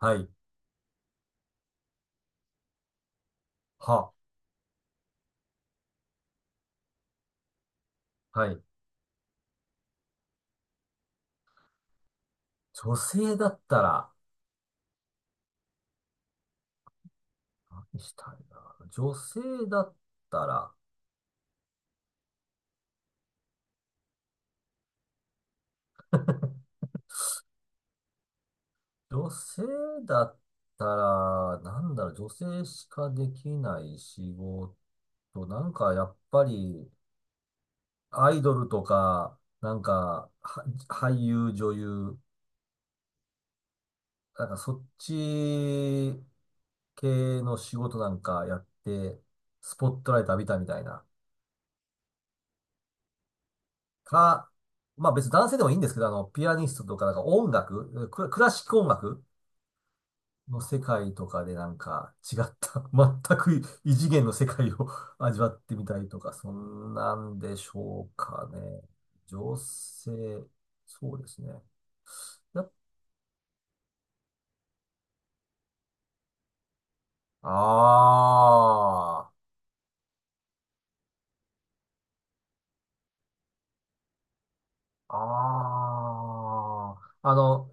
はい。は。はい。女性だったら、何したいな。だったら、女性だったら、なんだろう、女性しかできない仕事。なんか、やっぱり、アイドルとか、なんか、俳優、女優、なんか、そっち系の仕事なんかやって、スポットライト浴びたみたいな。か、まあ別に男性でもいいんですけど、ピアニストとかなんか音楽、クラシック音楽の世界とかでなんか違った、全く異次元の世界を 味わってみたりとか、そんなんでしょうかね。女性、そうですね。やっああ、ああ、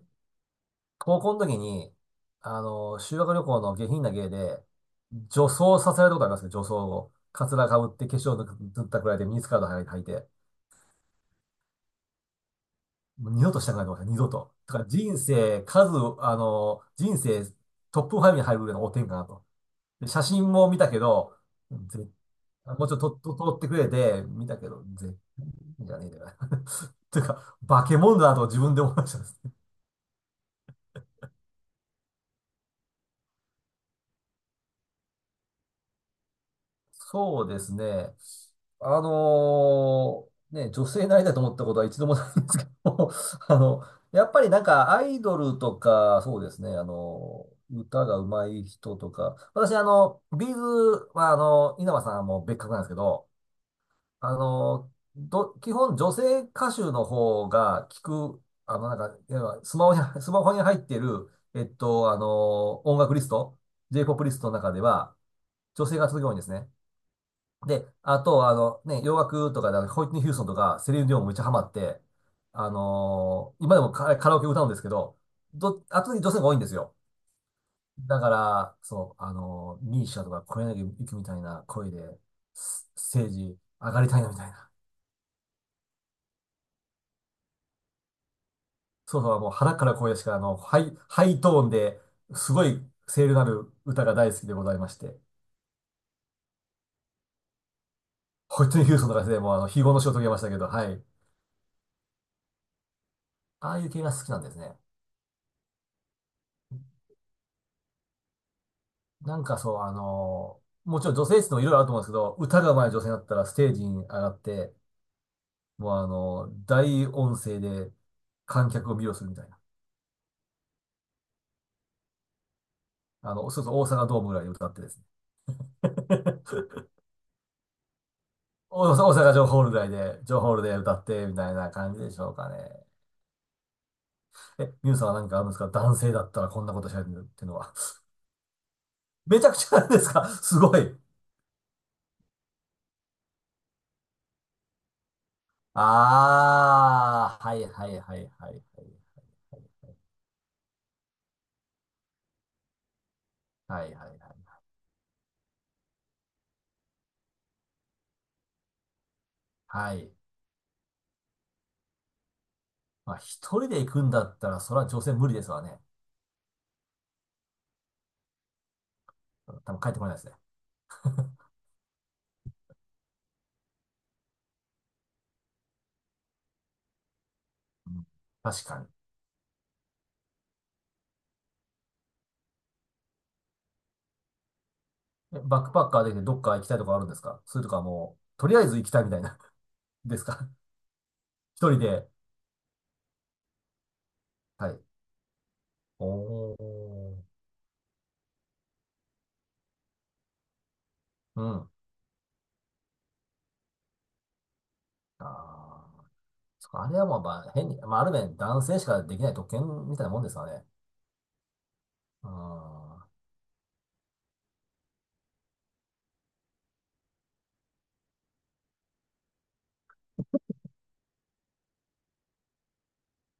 高校の時に、修学旅行の下品な芸で、女装させられたことありますね、女装を。カツラ被って、化粧塗ったくらいでミニスカート履いて、もう二度としたくないと思いました、二度と。だから人生、数、あの、人生トップ5に入るぐらいの汚点かなと。で写真も見たけど、ぜ、もうちょっと撮ってくれて、見たけど、絶対じゃねえだよな。というか、化け物だなと自分で思いましたね。そうですね。ね、女性になりたいと思ったことは一度もないんですけど、あの、やっぱりなんかアイドルとか、そうですね、歌が上手い人とか、私ビーズは稲葉さんも別格なんですけど、あの、基本女性歌手の方が聞く、なんか、いわゆるスマホに入ってる、音楽リスト、J-POP リストの中では、女性が続く多いんですね。で、あと、ね、洋楽とかで、ホイットニー・ヒューストンとか、セリーヌ・ディオンもめっちゃハマって、今でもカラオケ歌うんですけど、圧倒に女性が多いんですよ。だから、そう、ミーシャとか、小柳ゆきみたいな声で、ステージ上がりたいなみたいな。そうそう、もう腹から声しか、ハイトーンで、すごい声量のある歌が大好きでございまして、ホイットニー・ヒューストンとかでも、非業の死を遂げましたけど、はい。ああいう系が好きなんですね。なんかそう、もちろん女性質のいろいろあると思うんですけど、歌が上手い女性だったらステージに上がって、もう大音声で観客を魅了するみたいな。そうそう、大阪ドームぐらいで歌ってですね。大阪城ホールぐらいで、城ホールで歌って、みたいな感じでしょうかね。え、ミュウさんは何かあるんですか？男性だったらこんなことしゃべるっていうのは。めちゃくちゃなんですか？すごい。あー、はいはいはいはいはい。はいはいはい。はい。まあ、一人で行くんだったら、それは女性無理ですわね。多分帰ってこないですね。うん、確かに。バックパッカーでどっか行きたいとこあるんですか？それとかもう、とりあえず行きたいみたいな ですか？一人で。はい。おー。うん。あー。そっかあれはもう、まあ、変に、まあ、ある面男性しかできない特権みたいなもんですわね。うん。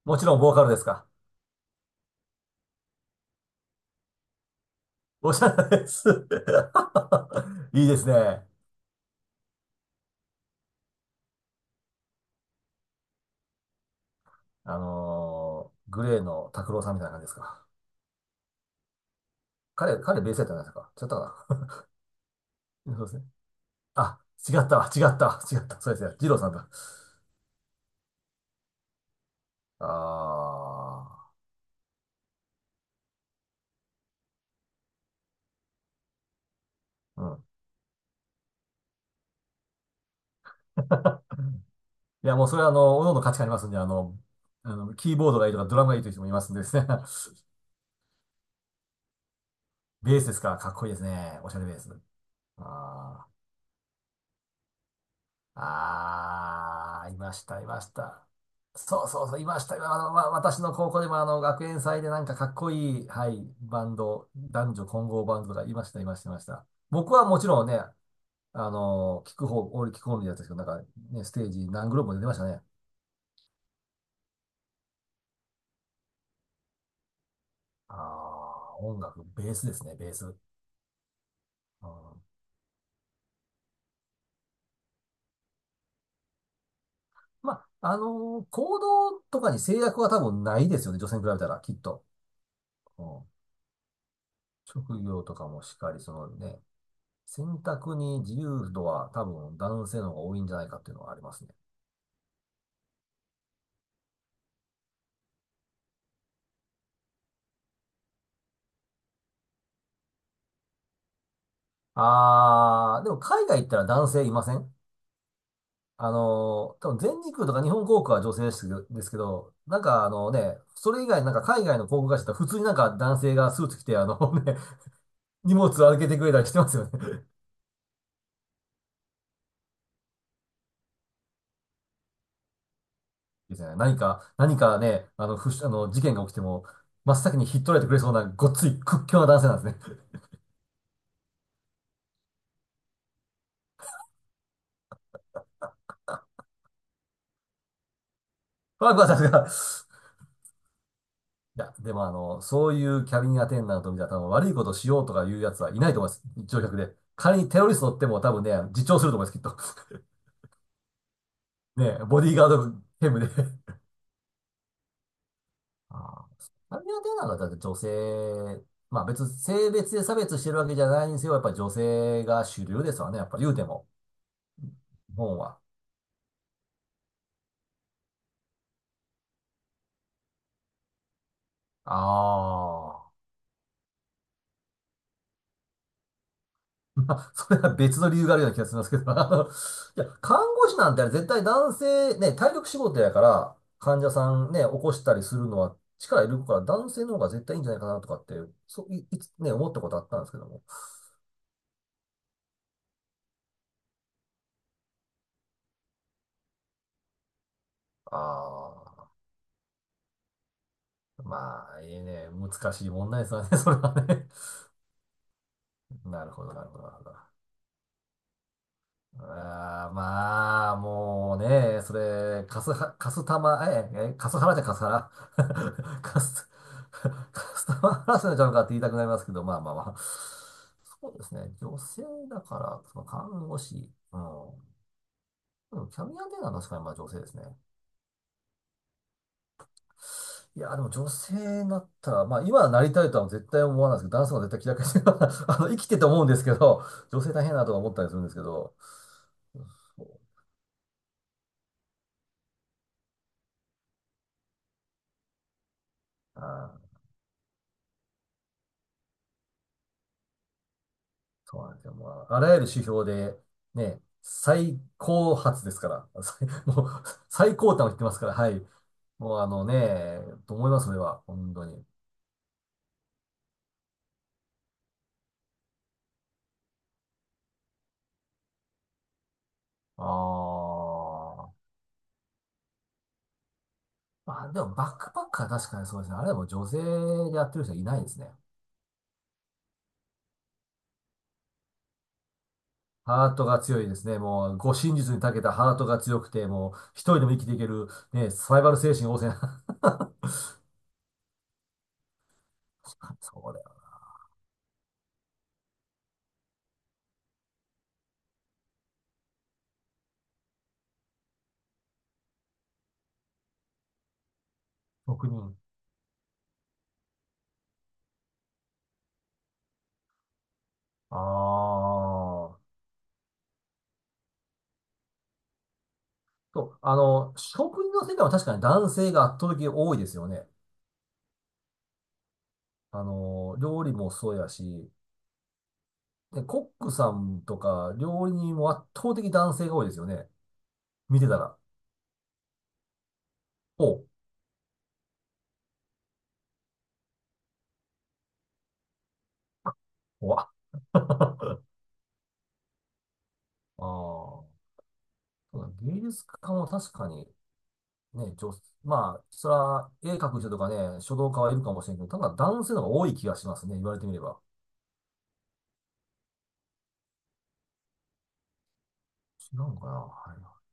もちろんボーカルですか？おしゃれです。いいですね。グレーの拓郎さんみたいな感じですか？彼ベースやったんないですか？違ったかな。 そうですね。あ、違ったわ、違ったわ、違った。そうですね。二郎さんだ。ああ、うん。いや、もうそれは各々の価値観ありますんで、キーボードがいいとかドラムがいいという人もいますんでですね。ベースですから、かっこいいですね。おしゃれベース。ああ、ああ、いました、いました。そうそうそう、いました。私の高校でも学園祭でなんかかっこいい、はい、バンド、男女混合バンドがいました、いました、いました。僕はもちろんね、聞く方、俺聞く方のやつですけど、なんかね、ステージ何グループも出てましたね。ああ、音楽、ベースですね、ベース。うん、まあ、行動とかに制約は多分ないですよね、女性に比べたら、きっと。うん、職業とかもしっかり、そのね、選択に自由度は多分男性の方が多いんじゃないかっていうのはありますね。ああ、でも海外行ったら男性いません？多分全日空とか日本航空は女性ですけど、ですけどなんかね、それ以外なんか海外の航空会社だって普通になんか男性がスーツ着てね、荷物を預けてくれたりしてますよね。いいですね、何か、何かね、あの、ふし、あの、事件が起きても、真っ先に引っ取られてくれそうなごっつい屈強な男性なんですね。ワクワクさすが。いや、でもそういうキャビンアテンダントみたいな多分悪いことしようとかいうやつはいないと思います。乗客で。仮にテロリスト乗っても多分ね、自重すると思います、きっと。ね、ボディーガード兼務で。ああ。アビアンテナがだって女性、まあ別に性別で差別してるわけじゃないにせよ、やっぱり女性が主流ですわね。やっぱり言うても、日本は。ああ。まあ、それは別の理由があるような気がしますけど。いや、看護師なんてあれ絶対男性、ね、体力仕事やから、患者さんね、起こしたりするのは力いるから、男性の方が絶対いいんじゃないかなとかって、そう、いつね、思ったことあったんですけども。ああ。まあ、いいね。難しい問題ですわね、それはね。なるほど、なるほど、なるほど。あーまあ、もうね、それ、カスは、カスタマ、え、え、カスハラ。 カス、カスタマーハラスメントちゃうのかって言いたくなりますけど、まあまあまあ。そうですね、女性だから、その看護師、うん。でもキャビアンテーナーは確かにまあ女性ですね。いや、でも女性になったら、まあ今はなりたいとは絶対思わないですけど、男性の方が絶対気楽に 生きてて思うんですけど、女性大変だなとか思ったりするんですけど、そうあーそうなんですよ。もう、あらゆる指標で、ね、最高発ですから。最もう、最高端を言ってますから、はい。もう、あのね、と思います、それは。本当に。ああ。まあ、でも、バックパッカー確かにそうですね。あれはもう女性でやってる人はいないですね。ハートが強いですね。もう、護身術に長けたハートが強くて、もう、一人でも生きていける、ね、サバイバル精神旺盛な。そうだよ。職人。ああ。そう、食事の世界は確かに男性が圧倒的に多いですよね。料理もそうやし、で、コックさんとか料理人も圧倒的に男性が多いですよね。見てたら。おう、おわ。ああ、そうだ芸術家も確かに、ね、女、まあ、そら、絵描く人とかね、書道家はいるかもしれんけど、ただ男性の方が多い気がしますね、言われてみれば。違うのかな。はい